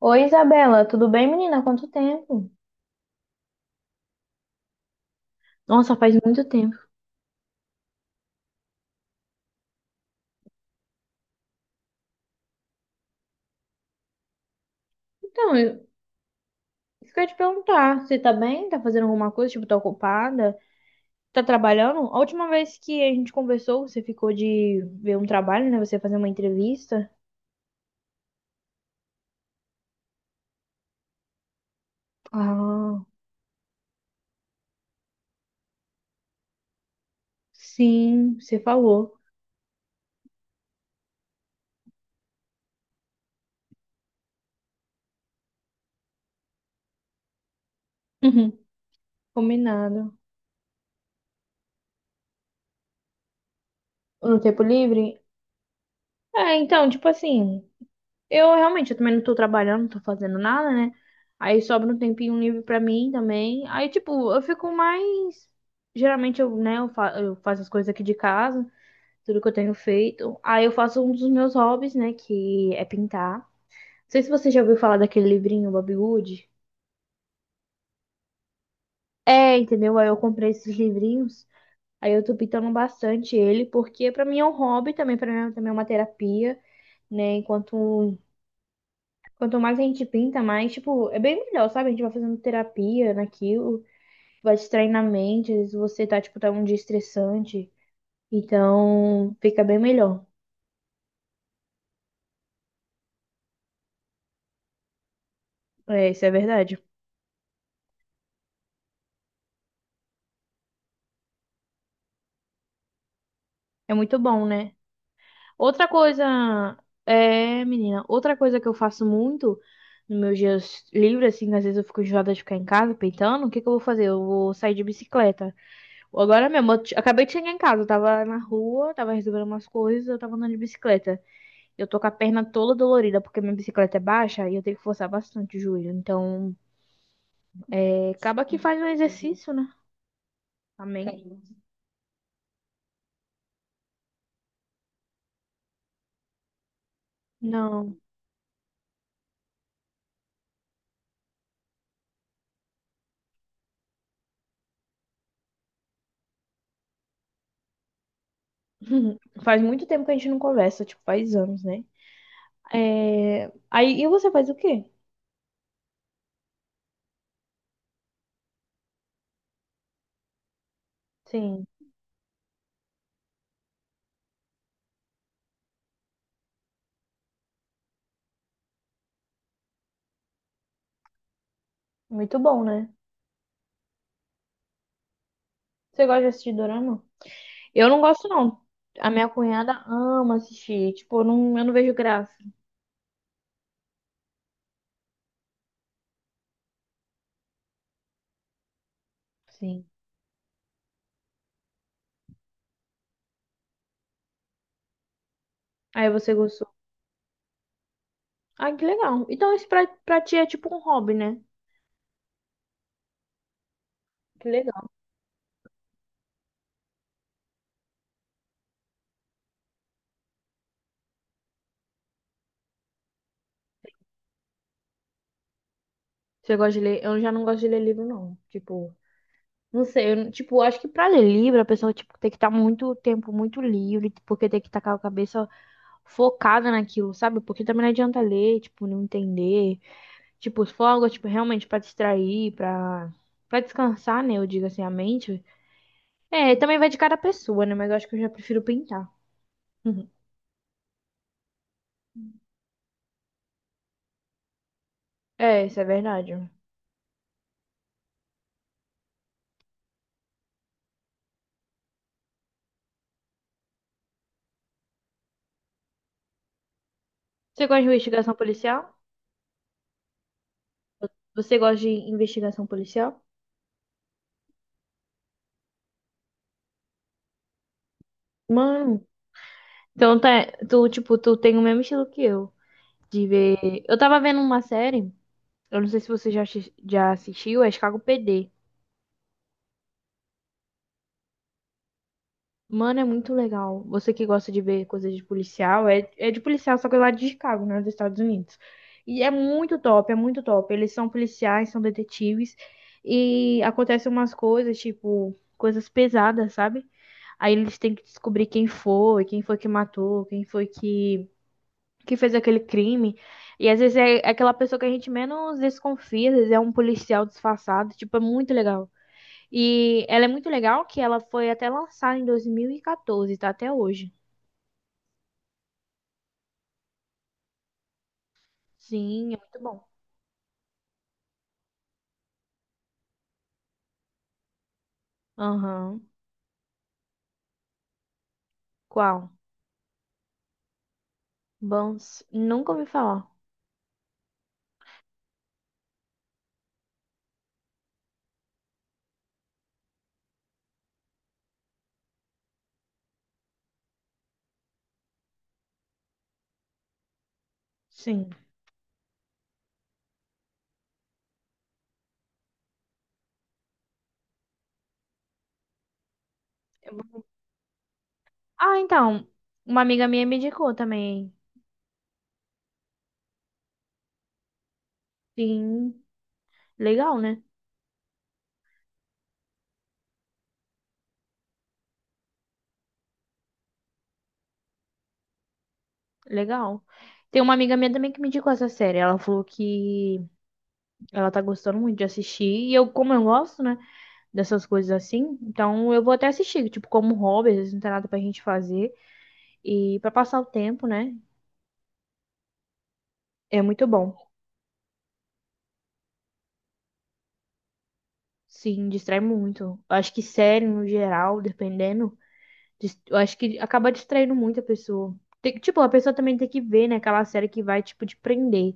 Oi, Isabela, tudo bem, menina? Quanto tempo? Nossa, faz muito tempo. Então, eu isso que eu ia te perguntar, você tá bem? Tá fazendo alguma coisa? Tipo, tá ocupada? Tá trabalhando? A última vez que a gente conversou, você ficou de ver um trabalho, né? Você fazer uma entrevista. Ah, sim, você falou. Uhum. Combinado. No tempo livre? Tipo assim, eu realmente, eu também não tô trabalhando, não tô fazendo nada, né? Aí sobra um tempinho livre pra mim também. Aí, tipo, eu fico mais. Geralmente eu, né, eu, fa- eu faço as coisas aqui de casa, tudo que eu tenho feito. Aí eu faço um dos meus hobbies, né, que é pintar. Não sei se você já ouviu falar daquele livrinho, Bob Wood. É, entendeu? Aí eu comprei esses livrinhos. Aí eu tô pintando bastante ele, porque pra mim é um hobby também, pra mim é também é uma terapia, né? Enquanto Quanto mais a gente pinta, mais, tipo, é bem melhor, sabe? A gente vai fazendo terapia naquilo, vai distraindo a mente, às vezes você tá um dia estressante, então fica bem melhor. É, isso é verdade. É muito bom, né? Outra coisa, menina, outra coisa que eu faço muito nos meus dias livres, assim, às vezes eu fico enjoada de ficar em casa pintando, o que que eu vou fazer? Eu vou sair de bicicleta. Agora mesmo, acabei de chegar em casa, eu tava na rua, tava resolvendo umas coisas, eu tava andando de bicicleta. Eu tô com a perna toda dolorida porque minha bicicleta é baixa e eu tenho que forçar bastante o joelho. Então, acaba que faz um exercício, né? Amém? Não. Faz muito tempo que a gente não conversa, tipo, faz anos, né? E você faz o quê? Sim, muito bom, né? Você gosta de assistir dorama? Eu não gosto, não. A minha cunhada ama assistir. Tipo, eu não vejo graça. Sim. Aí você gostou. Ah, que legal. Então, isso pra ti é tipo um hobby, né? Que legal. Você gosta de ler? Eu já não gosto de ler livro, não. Tipo, não sei, eu, não- tipo, acho que pra ler livro, a pessoa, tipo, tem que estar muito tempo muito livre, porque tem que estar com a cabeça focada naquilo, sabe? Porque também não adianta ler, tipo, não entender. Tipo, se for algo, tipo, realmente pra distrair, pra descansar, né? Eu digo assim, a mente. É, também vai de cada pessoa, né? Mas eu acho que eu já prefiro pintar. Uhum. É, isso é verdade. Você gosta de investigação policial? Você gosta de investigação policial? Mano, então tá, tu, tipo, tu tem o mesmo estilo que eu. De ver. Eu tava vendo uma série. Eu não sei se você já, já assistiu, é Chicago PD. Mano, é muito legal. Você que gosta de ver coisas de policial, é de policial, só que lá de Chicago, né, dos Estados Unidos. E é muito top, é muito top. Eles são policiais, são detetives, e acontecem umas coisas, tipo, coisas pesadas, sabe? Aí eles têm que descobrir quem foi que matou, que fez aquele crime. E às vezes é aquela pessoa que a gente menos desconfia, às vezes é um policial disfarçado. Tipo, é muito legal. E ela é muito legal que ela foi até lançada em 2014, tá até hoje. Sim, é muito bom. Aham. Qual? Bons. Nunca ouvi falar. Sim. É bom. Ah, então. Uma amiga minha me indicou também. Sim. Legal, né? Legal. Tem uma amiga minha também que me indicou essa série. Ela falou que ela tá gostando muito de assistir. E eu, como eu gosto, né? Dessas coisas assim. Então eu vou até assistir. Tipo, como hobby, às vezes não tem nada pra gente fazer. E pra passar o tempo, né? É muito bom. Sim, distrai muito. Eu acho que série, no geral, dependendo, eu acho que acaba distraindo muito a pessoa. Tipo, a pessoa também tem que ver, né, aquela série que vai, tipo, te prender.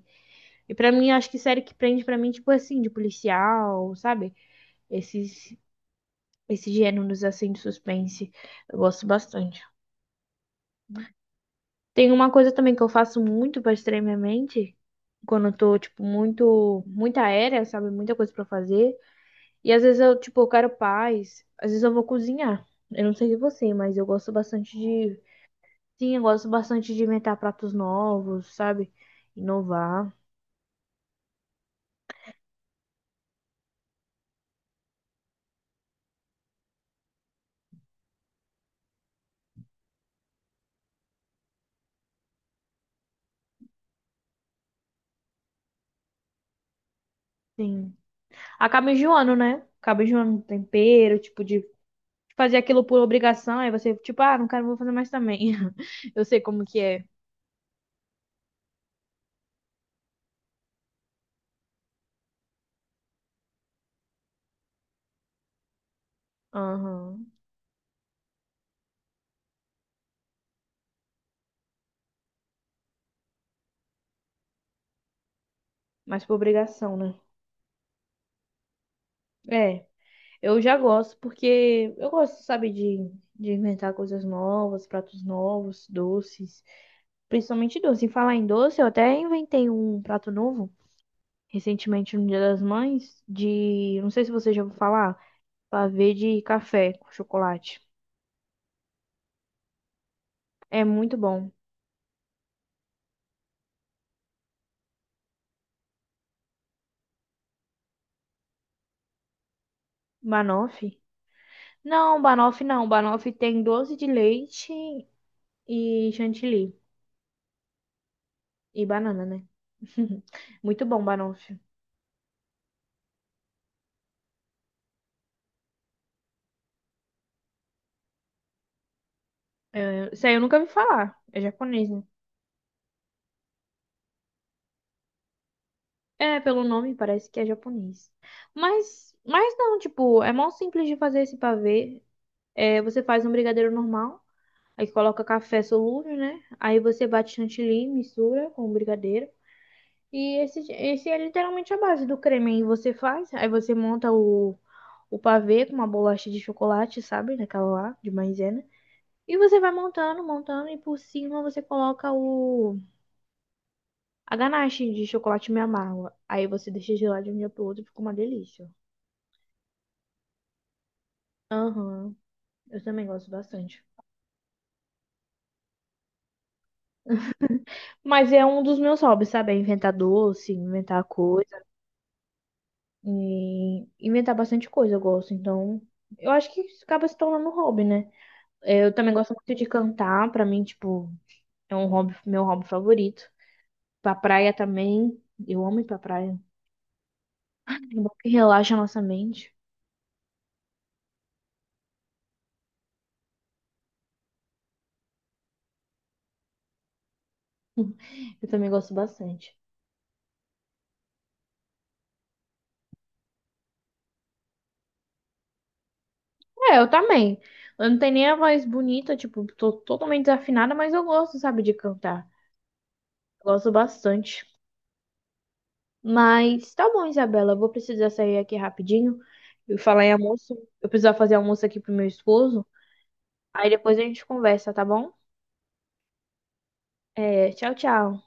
E pra mim, eu acho que série que prende pra mim, tipo assim, de policial, sabe? Esses, esses gêneros, assim, de suspense. Eu gosto bastante. Tem uma coisa também que eu faço muito pra distrair minha mente, quando eu tô, tipo, muito aérea, sabe? Muita coisa pra fazer. E às vezes eu, tipo, eu quero paz. Às vezes eu vou cozinhar. Eu não sei de você, mas eu gosto bastante de. Sim, eu gosto bastante de inventar pratos novos, sabe? Inovar. Sim. Acaba enjoando, né? Acaba enjoando do tempero, tipo, de fazer aquilo por obrigação. Aí você, tipo, ah, não quero, vou fazer mais também. Eu sei como que é. Aham. Mas por obrigação, né? É. Eu já gosto, porque eu gosto, sabe, de inventar coisas novas, pratos novos, doces, principalmente doce. Em falar em doce, eu até inventei um prato novo recentemente no Dia das Mães, de, não sei se você já ouviu falar, pavê de café com chocolate. É muito bom. Banoffee? Não, banoffee não. Banoffee tem doce de leite e chantilly. E banana, né? Muito bom, banoffee. É, isso aí eu nunca vi falar. É japonês, né? É, pelo nome parece que é japonês. Mas não, tipo, é mó simples de fazer esse pavê. É, você faz um brigadeiro normal, aí coloca café solúvel, né? Aí você bate chantilly, mistura com o brigadeiro. E esse é literalmente a base do creme. Aí você faz, aí você monta o pavê com uma bolacha de chocolate, sabe? Daquela lá, de maisena. E você vai montando, montando, e por cima você coloca a ganache de chocolate meio amargo. Aí você deixa gelar de um dia pro outro, fica uma delícia. Aham, eu também gosto bastante. Mas é um dos meus hobbies, sabe? É inventar doce, inventar coisa, e inventar bastante coisa eu gosto. Então, eu acho que isso acaba se tornando um hobby, né? Eu também gosto muito de cantar, pra mim, tipo, é um hobby, meu hobby favorito. Pra praia também, eu amo ir pra praia. É bom que relaxa a nossa mente. Eu também gosto bastante. É, eu também. Eu não tenho nem a voz bonita, tipo, tô totalmente desafinada, mas eu gosto, sabe, de cantar. Gosto bastante. Mas tá bom, Isabela. Eu vou precisar sair aqui rapidinho. Eu falar em almoço. Eu preciso fazer almoço aqui pro meu esposo. Aí depois a gente conversa, tá bom? É, tchau, tchau.